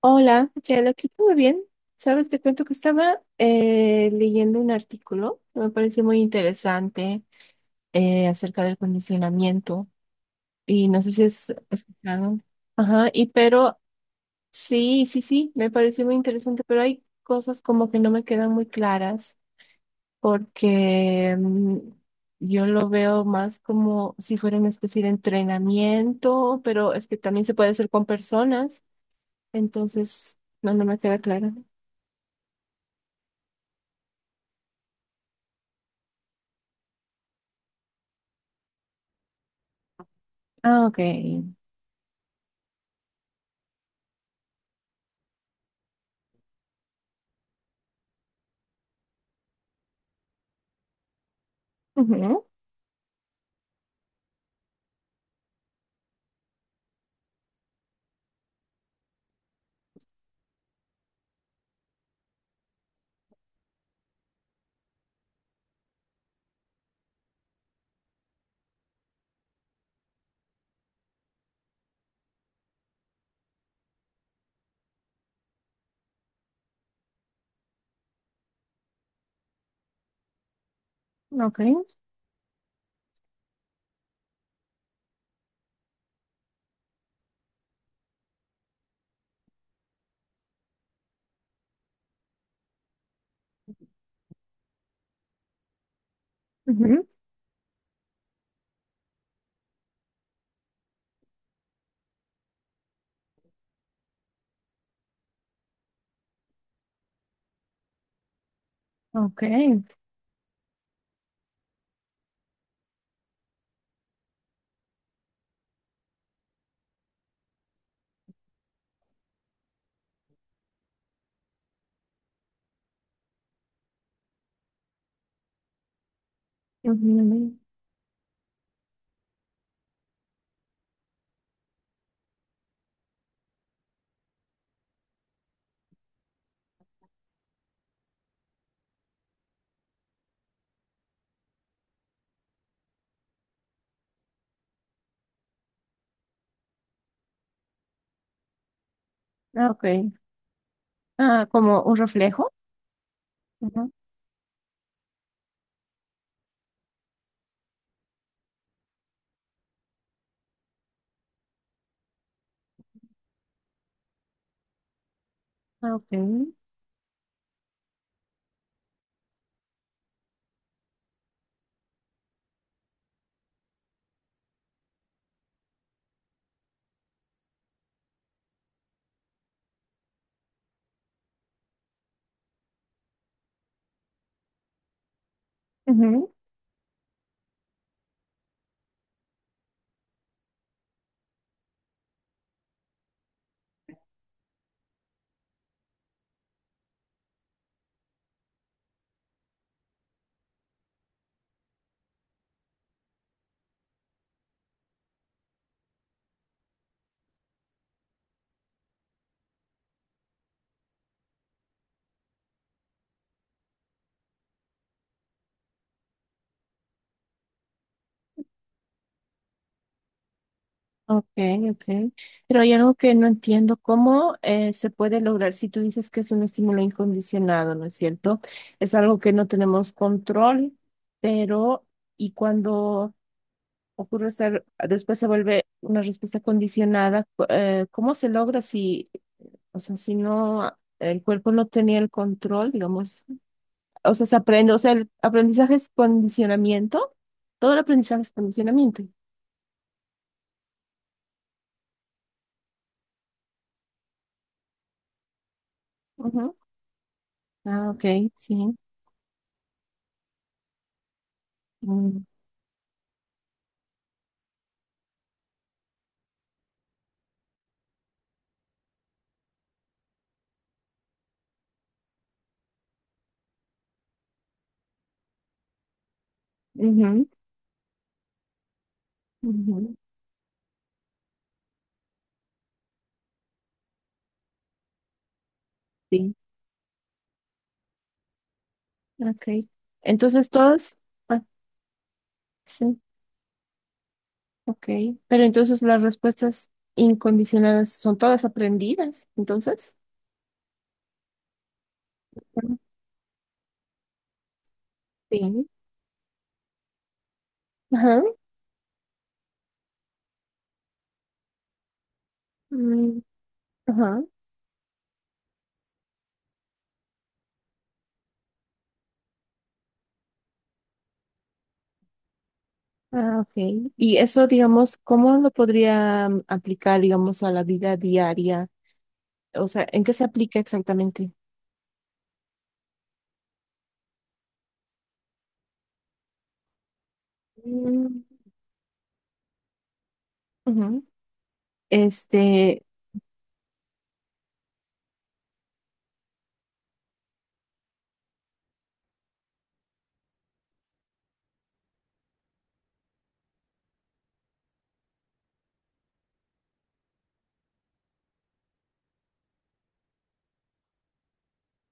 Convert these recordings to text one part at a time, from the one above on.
Hola, Chelo, lo quito muy bien. Sabes, te cuento que estaba leyendo un artículo que me pareció muy interesante acerca del condicionamiento y no sé si has escuchado. Ajá, y pero sí, sí, sí, me pareció muy interesante, pero hay cosas como que no me quedan muy claras porque yo lo veo más como si fuera una especie de entrenamiento, pero es que también se puede hacer con personas. Entonces, no me queda claro. Ah, ok. Ujú. Ok. Ujú. Ok. Ujú. Ah, ok. Ah, como un reflejo. Ujú, ah, ok. Ujú. Ok, ok. Pero hay algo que no entiendo. ¿Cómo se puede lograr si tú dices que es un estímulo incondicionado, no es cierto? Es algo que no tenemos control, pero y cuando ocurre ser, después se vuelve una respuesta condicionada, ¿cómo se logra si, o sea, si no, el cuerpo no tenía el control, digamos? O sea, se aprende, o sea, el aprendizaje es condicionamiento. Todo el aprendizaje es condicionamiento. Ujú. Ah, ok, sí. Mm, ujú, ujú. Sí, ok. Entonces todas, ah, sí, ok. Pero entonces las respuestas incondicionadas son todas aprendidas, entonces. Ujú. Sí. Ajá. Mm. Ajá. Ah, ok. Y eso, digamos, ¿cómo lo podría aplicar, digamos, a la vida diaria? O sea, ¿en qué se aplica exactamente? Mm, ujú. Este,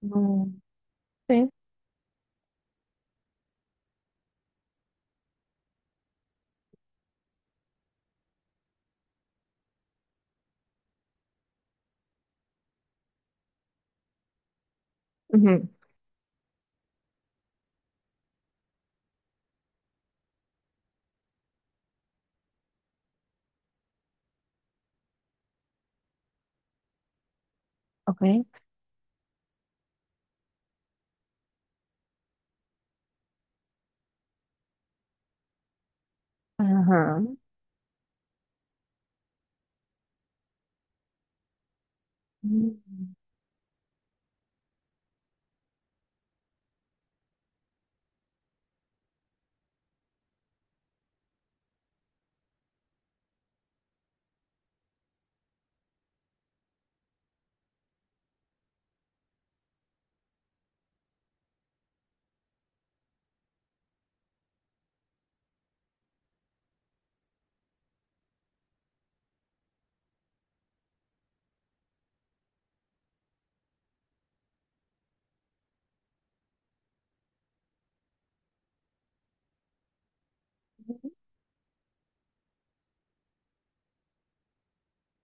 no sé. Ujú. Ok. Ajá. Mm,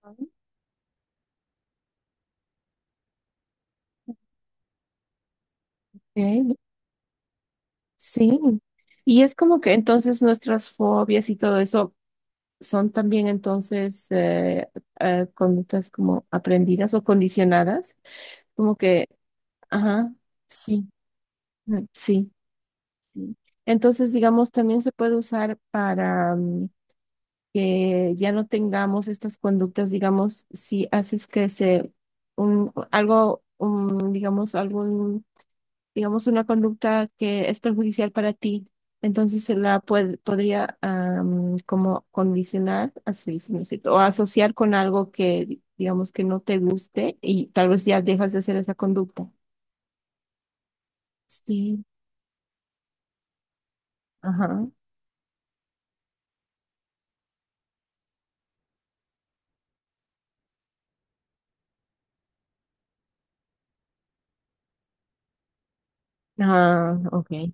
ok. Sí. Y es como que entonces nuestras fobias y todo eso son también entonces conductas como aprendidas o condicionadas, como que, ajá, sí, mm, sí. Sí. Entonces, digamos, también se puede usar para que ya no tengamos estas conductas, digamos, si haces que se, un, algo, un, digamos, algún, digamos, una conducta que es perjudicial para ti, entonces se la puede, podría am, como condicionar, así se me siento, o asociar con algo que, digamos, que no te guste y tal vez ya dejas de hacer esa conducta. Sí, ajá. Ah, ok.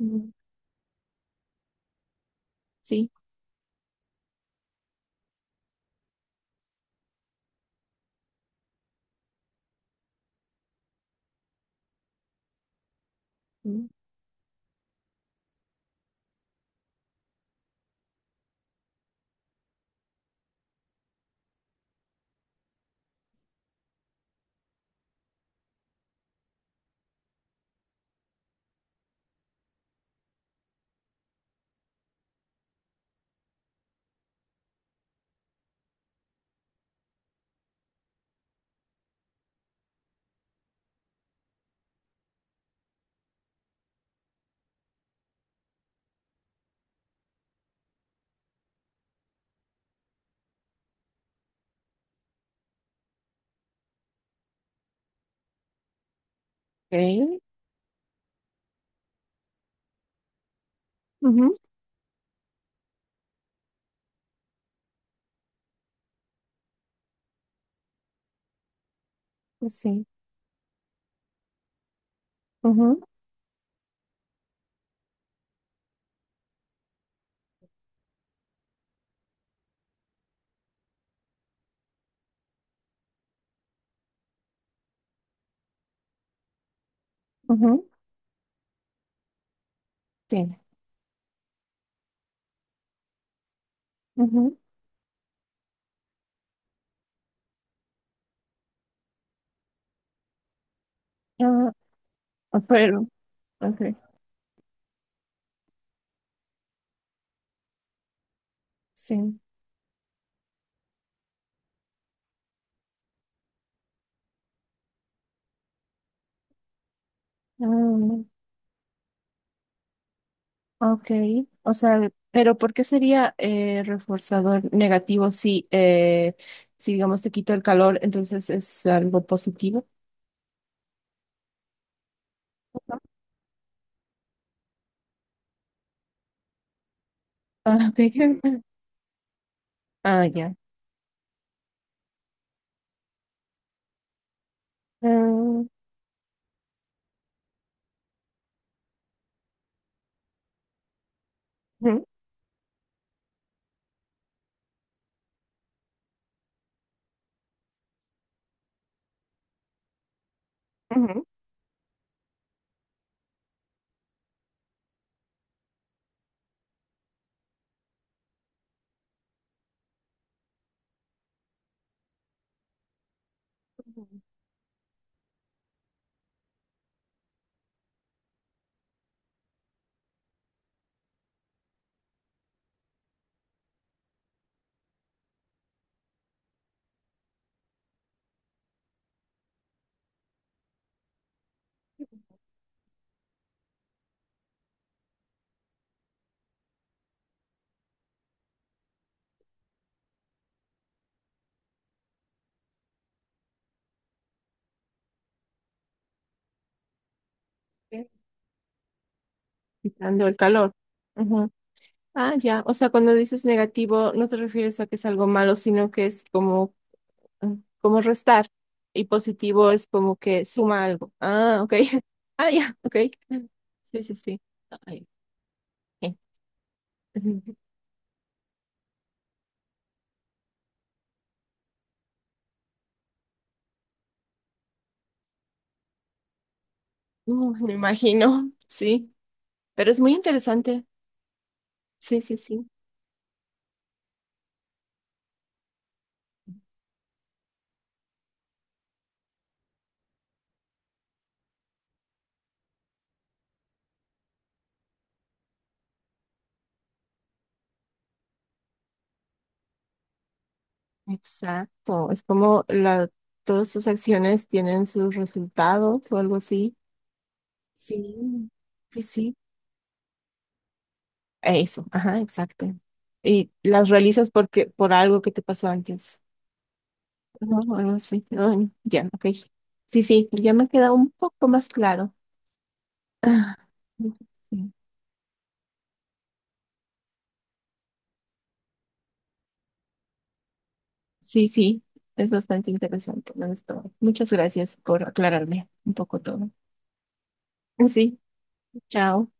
Mm. Sí. Mm. Okay. Ujú, pues sí. Ujú, ujú. Sí. Ujú, ah, pero, okay, sí. Ah, ok. O sea, ¿pero por qué sería reforzador negativo si, si, digamos, te quito el calor, entonces es algo positivo? Ujú. Ah, ok. Ah, ya. Ah, ujú, ujú, ujú, ok. Quitando el calor. Ujú. Ah, ya. O sea, cuando dices negativo, no te refieres a que es algo malo, sino que es como mm, como restar, y positivo es como que suma algo. Ah, ok. Ah, ya, ok. Sí, sí, sí. Ay, ok. Me imagino, sí. Pero es muy interesante. Sí, sí, sí. Exacto. Es como la, todas sus acciones tienen sus resultados o algo así. Sí, sí, sí. Eso, ajá, exacto. Y las realizas porque, por algo que te pasó antes. No, no sé. Ay, ya, ok. Sí, sí, ya me queda un poco más claro. Ah, sí, sí, es bastante interesante, la historia. Muchas gracias por aclararme un poco todo. Sí, chao.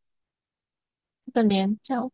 Tú también, chao.